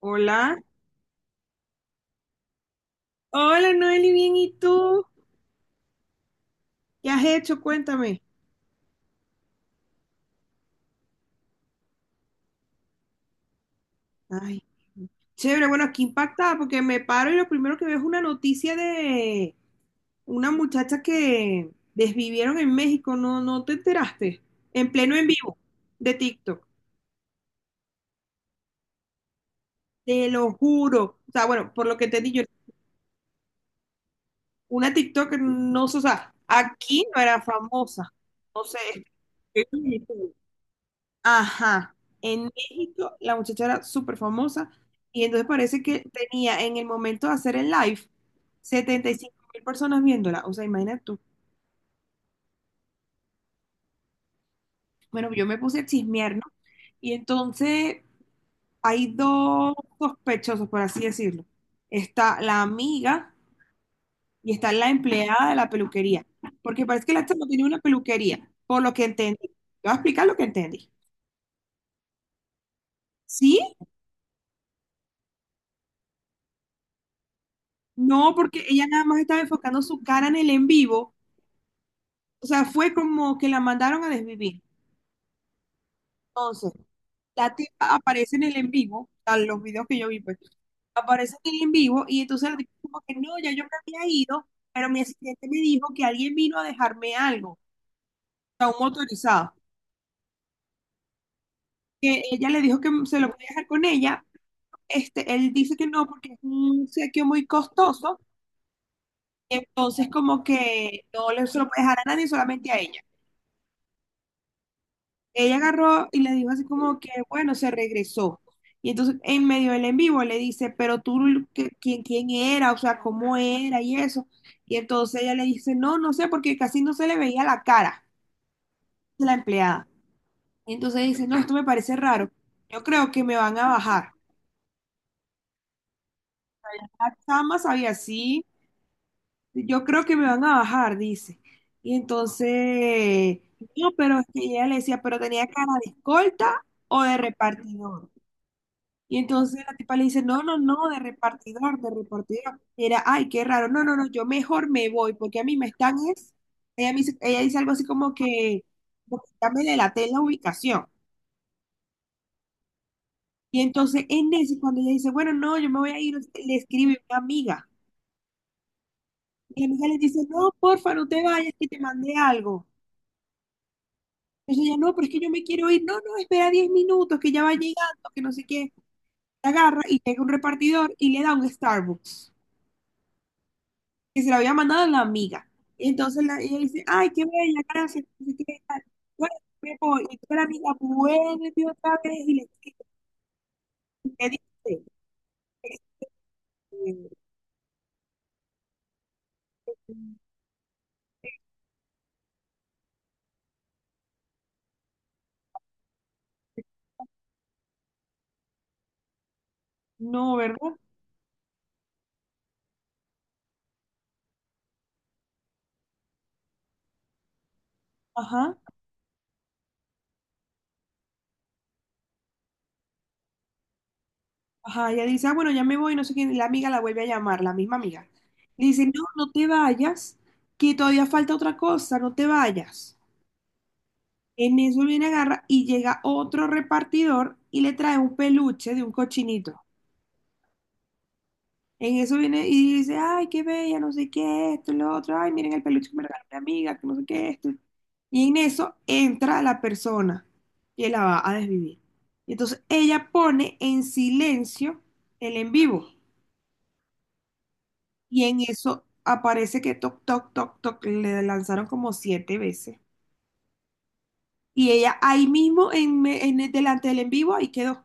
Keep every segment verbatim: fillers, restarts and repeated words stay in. Hola. Hola, Noeli, bien, ¿y tú? ¿Qué has hecho? Cuéntame. Ay, chévere, bueno, aquí impactada porque me paro y lo primero que veo es una noticia de una muchacha que desvivieron en México, ¿no, no te enteraste? En pleno en vivo de TikTok, te lo juro. O sea, bueno, por lo que te yo, una TikTok no, sé, o sea, aquí no era famosa. No sé. Ajá, en México la muchacha era súper famosa y entonces parece que tenía en el momento de hacer el live setenta y cinco mil personas viéndola, o sea, imagínate tú. Bueno, yo me puse a chismear, ¿no? Y entonces hay dos sospechosos, por así decirlo. Está la amiga y está la empleada de la peluquería, porque parece que la chama tenía una peluquería, por lo que entendí. Te voy a explicar lo que entendí. ¿Sí? No, porque ella nada más estaba enfocando su cara en el en vivo. O sea, fue como que la mandaron a desvivir. Entonces, la tipa aparece en el en vivo, a los videos que yo vi, pues, aparece en el en vivo y entonces la tipa como que no, ya yo me había ido, pero mi asistente me dijo que alguien vino a dejarme algo, o sea, un motorizado. Que ella le dijo que se lo podía dejar con ella. Este, él dice que no porque es un obsequio muy costoso, entonces como que no le- se lo puede dejar a nadie, solamente a ella. Ella agarró y le dijo así como que, bueno, se regresó. Y entonces en medio del en vivo le dice, pero tú, ¿qué- ¿quién, quién era? O sea, ¿cómo era? Y eso. Y entonces ella le dice, no, no sé, porque casi no se le veía la cara de la empleada. Y entonces dice, no, esto me parece raro. Yo creo que me van a bajar. La chama sabía así, yo creo que me van a bajar, dice. Y entonces, no, pero es que ella le decía, pero tenía cara de escolta o de repartidor. Y entonces la tipa le dice, no, no, no, de repartidor, de repartidor. Era, ay, qué raro, no, no, no, yo mejor me voy, porque a mí me están es, ella, me dice, ella dice algo así como que, como que ya me delaté la ubicación. Y entonces en eso, cuando ella dice, bueno, no, yo me voy a ir, le escribe una amiga. Y la amiga le dice, no, porfa, no te vayas, que te mandé algo. Entonces ella, no, pero es que yo me quiero ir, no, no, espera diez minutos, que ya va llegando, que no sé qué. La agarra y llega un repartidor y le da un Starbucks. Que se lo había mandado la amiga. Y entonces la- ella dice, ay, qué bella, gracias, no sé qué tal. Bueno, me voy. Y toda la amiga vuelve otra vez y le, y le dice, eh, no, ¿verdad? Ajá, ajá. Ella dice, ah, bueno, ya me voy, no sé qué. La amiga la vuelve a llamar, la misma amiga. Le dice, no, no te vayas, que todavía falta otra cosa, no te vayas. En eso viene agarra y llega otro repartidor y le trae un peluche de un cochinito. En eso viene y dice, ay, qué bella, no sé qué, esto y lo otro, ay, miren el peluche que me regaló mi amiga, que no sé qué, esto. Y en eso entra la persona que la va a desvivir. Y entonces ella pone en silencio el en vivo. Y en eso aparece que toc, toc, toc, toc, le lanzaron como siete veces. Y ella ahí mismo, en, me- en- delante del en vivo, ahí quedó.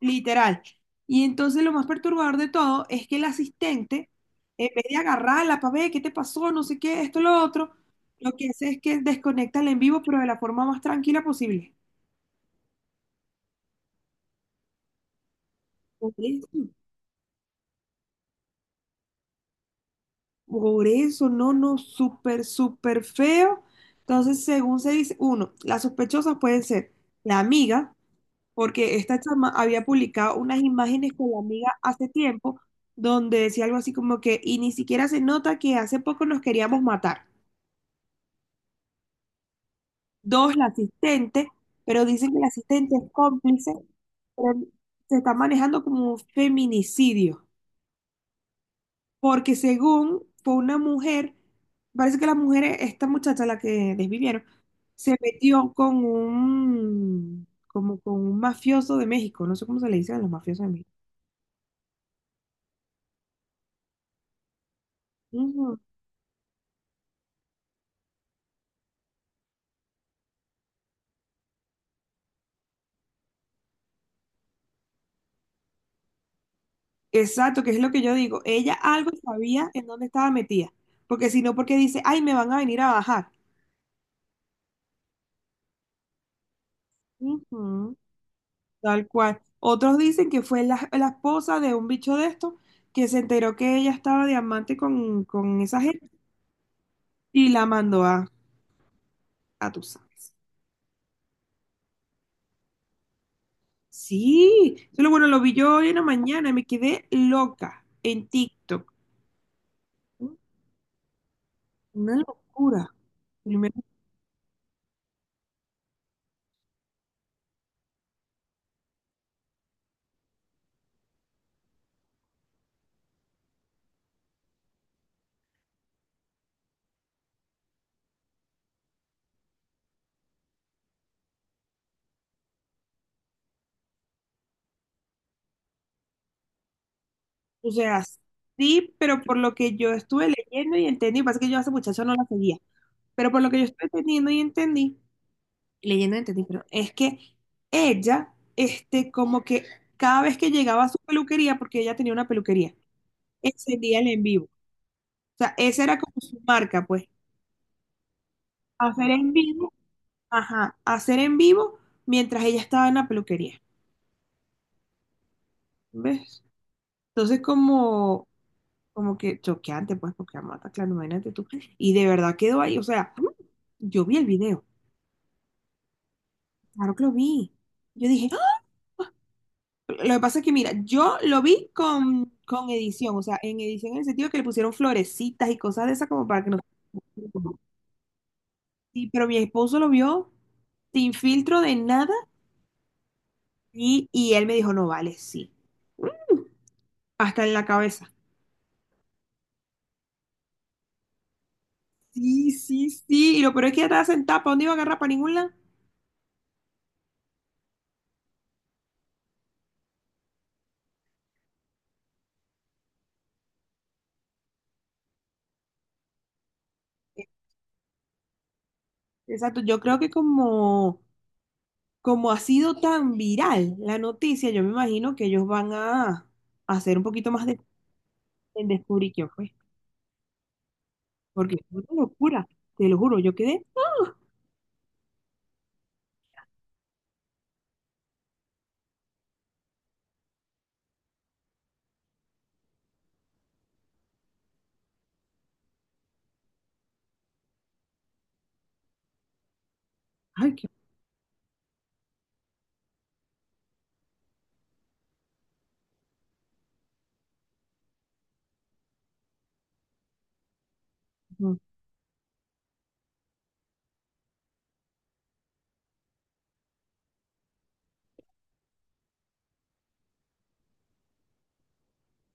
Literal. Y entonces lo más perturbador de todo es que el asistente, en vez de agarrarla para ver qué te pasó, no sé qué, esto, lo otro, lo que hace es que desconecta el en vivo, pero de la forma más tranquila posible. Por eso, por eso, no, no, súper, súper feo. Entonces, según se dice, uno, las sospechosas pueden ser la amiga, porque esta chama había publicado unas imágenes con la amiga hace tiempo, donde decía algo así como que, y ni siquiera se nota que hace poco nos queríamos matar. Dos, la asistente, pero dicen que la asistente es cómplice, pero se está manejando como un feminicidio, porque según fue una mujer, parece que la mujer, esta muchacha, la que desvivieron, se metió con un, como con un mafioso de México, no sé cómo se le dice a los mafiosos de México. Ujú. Exacto, que es lo que yo digo. Ella algo sabía en dónde estaba metida, porque si no, porque dice, ay, me van a venir a bajar. Ujú. Tal cual. Otros dicen que fue la, la esposa de un bicho de estos que se enteró que ella estaba de amante con, con esa gente y la mandó a, a tú sabes. Sí, solo bueno, lo vi yo hoy en la mañana y me quedé loca en TikTok. Una locura. Primero, o sea, sí, pero por lo que yo estuve leyendo y entendí, pasa que yo a esa muchacha no la seguía, pero por lo que yo estuve entendiendo y entendí. Leyendo entendí, pero es que ella, este, como que cada vez que llegaba a su peluquería, porque ella tenía una peluquería, encendía el en vivo. O sea, esa era como su marca, pues, hacer en vivo, ajá, hacer en vivo mientras ella estaba en la peluquería, ¿ves? Entonces, como, como que choqueante, pues, porque amata, claro, imagínate tú. Y de verdad quedó ahí, o sea, yo vi el video, claro que lo vi. Yo dije, lo que pasa es que, mira, yo lo vi con, con edición, o sea, en edición en el sentido que le pusieron florecitas y cosas de esas como para que no... Sí, pero mi esposo lo vio sin filtro de nada y, y él me dijo, no vale, sí. Mm, hasta en la cabeza. Sí, sí, sí. Y lo peor es que ya estaba sentada, ¿para dónde iba a agarrar? ¿Para ningún lado? Exacto, yo creo que como, como ha sido tan viral la noticia, yo me imagino que ellos van a, a hacer un poquito más de, en descubrir quién fue. Porque fue una locura, te lo juro, yo quedé, ay, qué,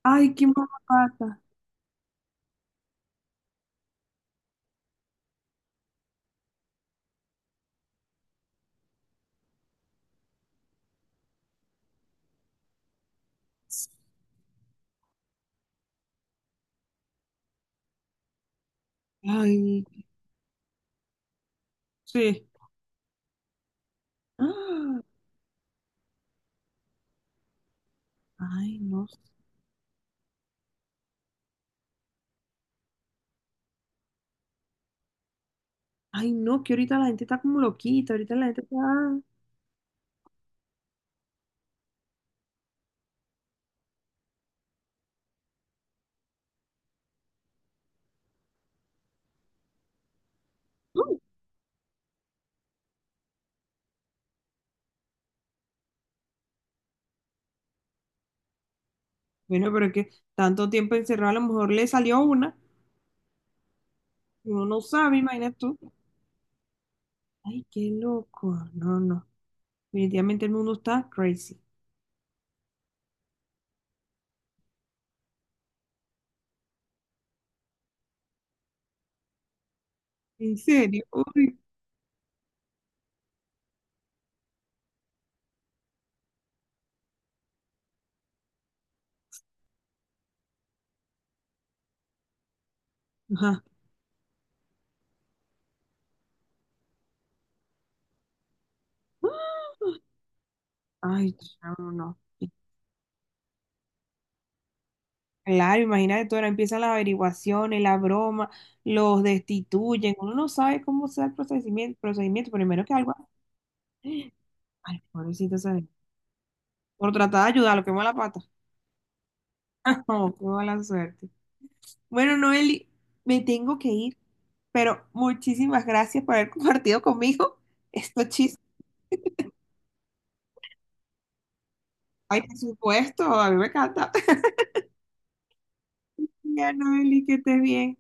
ay, qué mala pata, ay, sí, ah, ay, no, sé, ay, no, que ahorita la gente está como loquita, ahorita la gente está, mm. Bueno, pero es que tanto tiempo encerrado, a lo mejor le salió una, uno no sabe, imagínate tú, ay, qué loco, no, no, definitivamente el mundo está crazy, en serio, uy, ajá, ¡ah! Ay, chamo, no. Claro, imagínate tú, ahora empiezan las averiguaciones, la broma, los destituyen, uno no sabe cómo sea el procedimiento, procedimiento, primero que algo, ay, pobrecito sabe, por tratar de ayudar, lo quemó la pata, oh, qué mala suerte. Bueno, Noeli, me tengo que ir, pero muchísimas gracias por haber compartido conmigo estos chistes, ay, por supuesto, a mí me encanta. Ya, Noeli, que estés bien.